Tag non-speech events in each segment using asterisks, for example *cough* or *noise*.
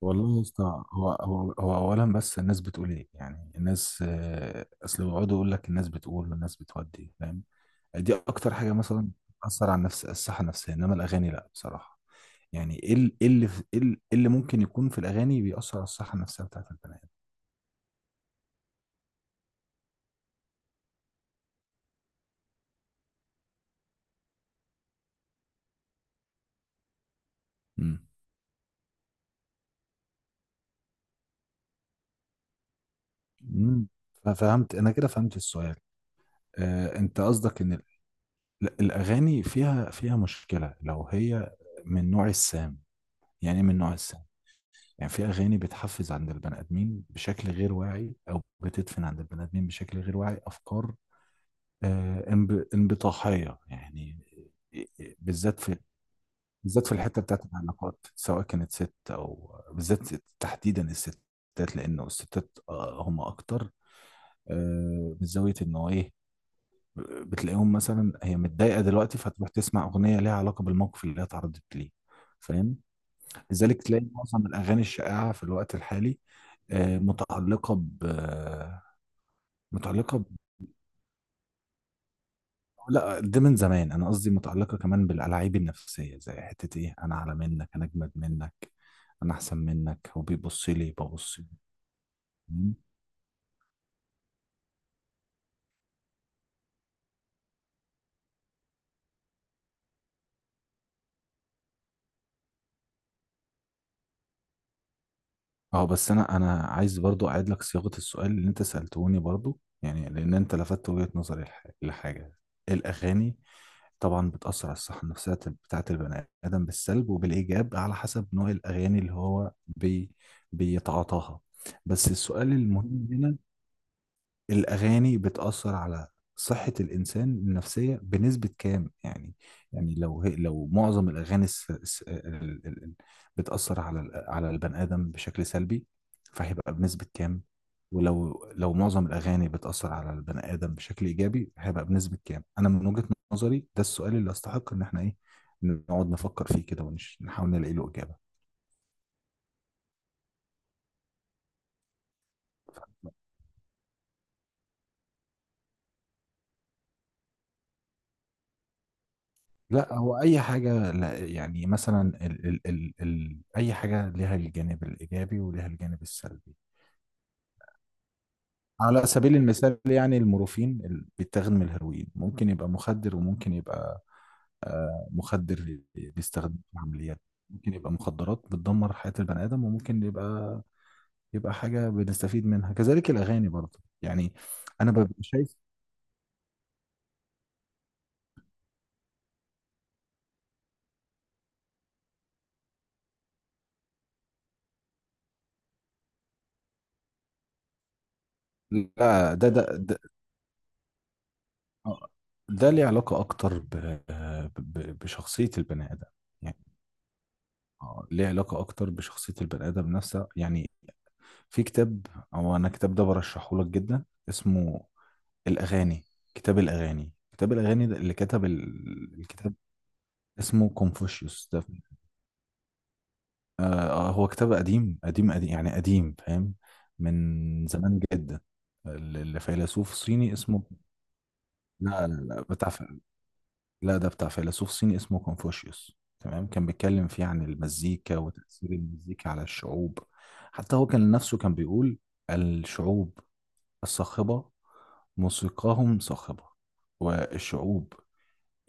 والله يا اسطى، هو اولا بس الناس بتقول ايه؟ يعني الناس، اصل بيقعدوا يقول لك الناس بتقول والناس بتودي، فاهم؟ دي اكتر حاجه مثلا بتاثر على النفس، الصحه النفسيه، انما الاغاني لا بصراحه. يعني ايه ال- إيه اللي في- إيه ال- إيه اللي ممكن يكون في الاغاني بيأثر على الصحه النفسيه بتاعت البني ادم؟ امم. أمم. ففهمت انا كده، فهمت السؤال. انت قصدك ان الاغاني فيها مشكله لو هي من نوع السام. يعني إيه من نوع السام؟ يعني في اغاني بتحفز عند البني ادمين بشكل غير واعي، او بتدفن عند البني ادمين بشكل غير واعي افكار انبطاحيه يعني. آه، آه، بالذات في بالذات في الحته بتاعت العلاقات، سواء كانت ست او بالذات تحديدا الستات، لانه الستات هم اكتر من زاويه انه ايه، بتلاقيهم مثلا هي متضايقه دلوقتي فتروح تسمع اغنيه ليها علاقه بالموقف اللي هي اتعرضت ليه، فاهم؟ لذلك تلاقي معظم الأغاني الشائعة في الوقت الحالي آه، متعلقة ب متعلقة ب... لا، ده من زمان، أنا قصدي متعلقة كمان بالألاعيب النفسية، زي حتة إيه، أنا أعلى منك، أنا أجمد منك، أنا أحسن منك، هو بيبص لي ببص له. بس أنا عايز برضو أعيد لك صياغة السؤال اللي أنت سألتوني برضو، يعني لأن أنت لفتت وجهة نظري لحاجة. الأغاني طبعا بتأثر على الصحة النفسية بتاعة البني آدم بالسلب وبالإيجاب، على حسب نوع الأغاني اللي هو بيتعاطاها. بس السؤال المهم هنا، الأغاني بتأثر على صحة الإنسان النفسية بنسبة كام يعني؟ يعني لو معظم الأغاني الس... الس... ال... ال... ال... بتأثر على على البني آدم بشكل سلبي، فهيبقى بنسبة كام؟ ولو معظم الأغاني بتأثر على البني آدم بشكل إيجابي، هيبقى بنسبة كام؟ أنا من وجهة نظري ده السؤال اللي أستحق إن إحنا إيه نقعد نفكر فيه كده ونحاول نلاقي له إجابة. لا، هو اي حاجه، لا يعني مثلا ال ال ال ال اي حاجه لها الجانب الايجابي ولها الجانب السلبي. على سبيل المثال، يعني المورفين اللي بيتاخد من الهيروين ممكن يبقى مخدر، وممكن يبقى مخدر بيستخدم في عمليات، ممكن يبقى مخدرات بتدمر حياه البني ادم، وممكن يبقى حاجه بنستفيد منها، كذلك الاغاني برضه يعني. انا ببقى شايف. لا، آه، ده ليه علاقه اكتر بشخصيه البني ادم، يعني ليه علاقة أكتر بشخصية البني آدم نفسها يعني. في كتاب، أو أنا الكتاب ده برشحه لك جدا، اسمه الأغاني. كتاب الأغاني ده اللي كتب الكتاب اسمه كونفوشيوس ده. آه هو كتاب قديم قديم قديم يعني، قديم، فاهم؟ من زمان جدا، الفيلسوف الصيني اسمه، لا لا لا، بتاع، لا ده بتاع فيلسوف صيني اسمه كونفوشيوس، تمام؟ كان بيتكلم فيه عن المزيكا وتأثير المزيكا على الشعوب. حتى هو كان نفسه كان بيقول الشعوب الصاخبة موسيقاهم صاخبة، والشعوب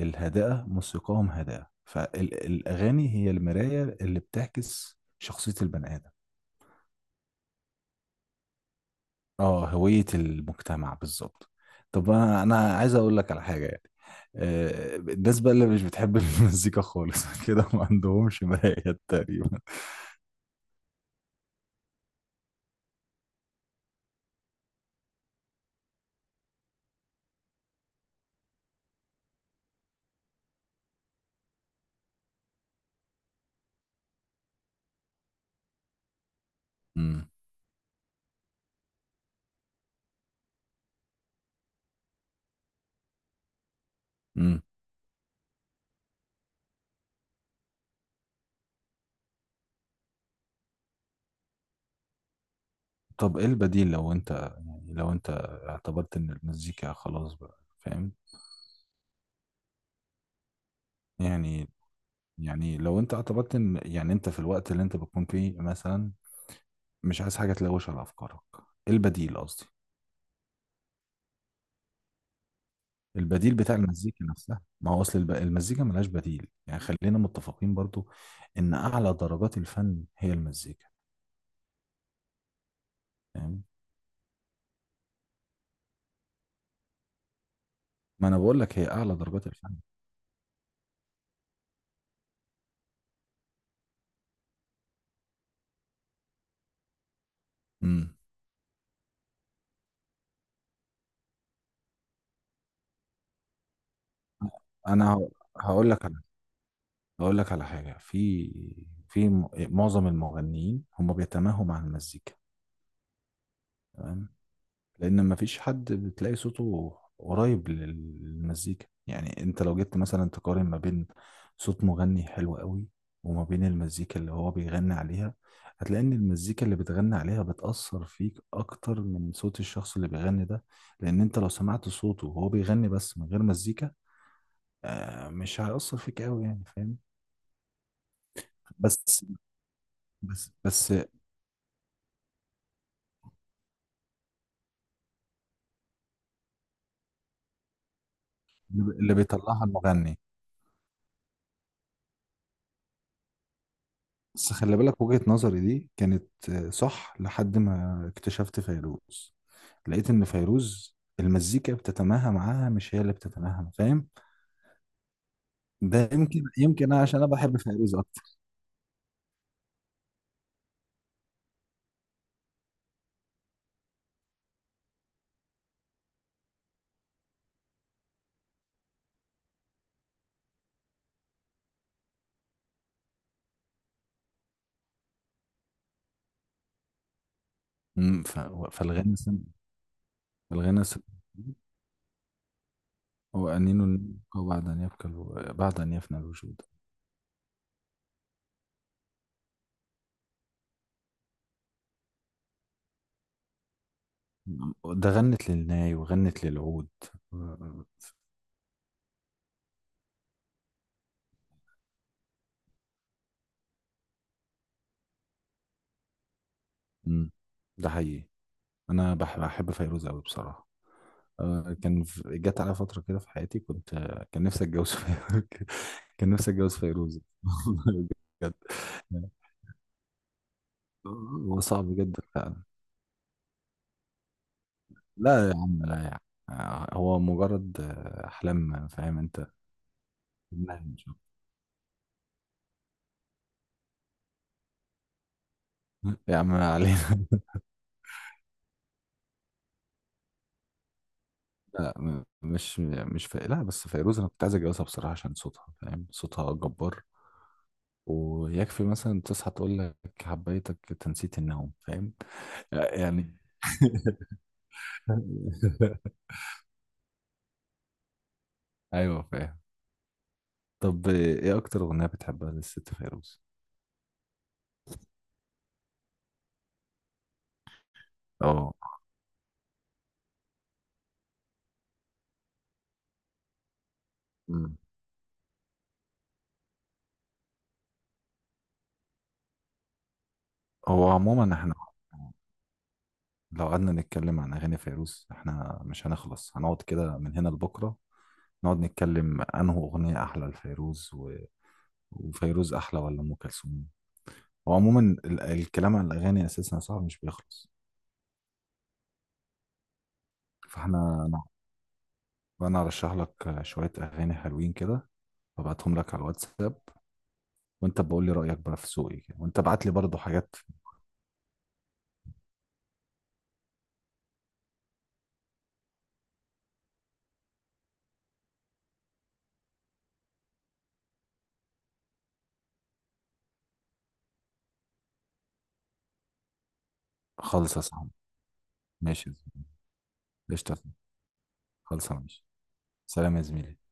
الهادئة موسيقاهم هادئة، فالأغاني هي المراية اللي بتعكس شخصية البني آدم. اه، هوية المجتمع بالظبط. طب انا عايز اقول لك على حاجة يعني، الناس بقى اللي مش بتحب *laughs* المزيكا خالص *laughs* كده ما عندهمش مرايات تقريبا. امم. امم. طب ايه البديل لو انت اعتبرت ان المزيكا خلاص بقى، فاهم؟ يعني يعني لو انت اعتبرت ان يعني انت في الوقت اللي انت بتكون فيه مثلا مش عايز حاجة تلوش على افكارك، ايه البديل؟ قصدي البديل بتاع المزيكا نفسها، ما هو اصل المزيكا ملهاش بديل يعني، خلينا متفقين برضو ان اعلى درجات الفن هي المزيكا. تمام، ما انا بقول لك هي اعلى درجات الفن. امم. انا هقول لك على هقول لك على حاجه، في معظم المغنيين هم بيتماهوا مع المزيكا، تمام؟ لان مفيش حد بتلاقي صوته قريب للمزيكا، يعني انت لو جبت مثلا تقارن ما بين صوت مغني حلو قوي وما بين المزيكا اللي هو بيغني عليها، هتلاقي ان المزيكا اللي بتغني عليها بتأثر فيك اكتر من صوت الشخص اللي بيغني ده، لان انت لو سمعت صوته وهو بيغني بس من غير مزيكا مش هيأثر فيك قوي يعني، فاهم؟ بس بس اللي بيطلعها المغني. بس خلي بالك، وجهة نظري دي كانت صح لحد ما اكتشفت فيروز، لقيت ان فيروز المزيكا بتتماهى معاها مش هي اللي بتتماهى، فاهم؟ ده يمكن أنا عشان انا بحب فيروز اكتر. أمم، ف- فالغنى سم، فالغنى سم وأنين النبقى بعد أن يبكى بعد أن يفنى الوجود. ده غنت للناي وغنت للعود. أمم، ده حقيقي، أنا بحب فيروز أوي بصراحة. جت على فترة كده في حياتي كنت آه، كان نفسي اتجوز فيروز. *laughs* كان نفسي اتجوز فيروز *laughs* والله، بجد. هو صعب جدا فعلا. لا يا عم، لا يا عم، هو مجرد أحلام، فاهم أنت؟ إنها إن شاء الله. يا عم، ما علينا. *laughs* لا م- مش مش ف... لا بس فيروز، أنا كنت عايز أتجوزها بصراحة عشان صوتها، فاهم؟ صوتها جبار، ويكفي مثلا تصحى تقول لك حبيتك تنسيت النوم، فاهم يعني؟ *laughs* ايوه فاهم. طب ايه اكتر اغنية بتحبها للست فيروز؟ اه. مم. هو عموما احنا لو قعدنا نتكلم عن اغاني فيروز احنا مش هنخلص، هنقعد كده من هنا لبكرة نقعد نتكلم انه اغنية احلى لفيروز و... وفيروز احلى ولا ام كلثوم. هو عموما الكلام عن الاغاني اساسا صعب مش بيخلص. فاحنا انا أنا ارشح لك شوية اغاني حلوين كده، هبعتهم لك على الواتساب، وانت بقول لي رأيك بقى في ذوقي كده، وانت ابعت لي برضه حاجات. خالصة صعب. ماشي يا زميلي. قشطة. خلص، ماشي. سلام يا زميلي.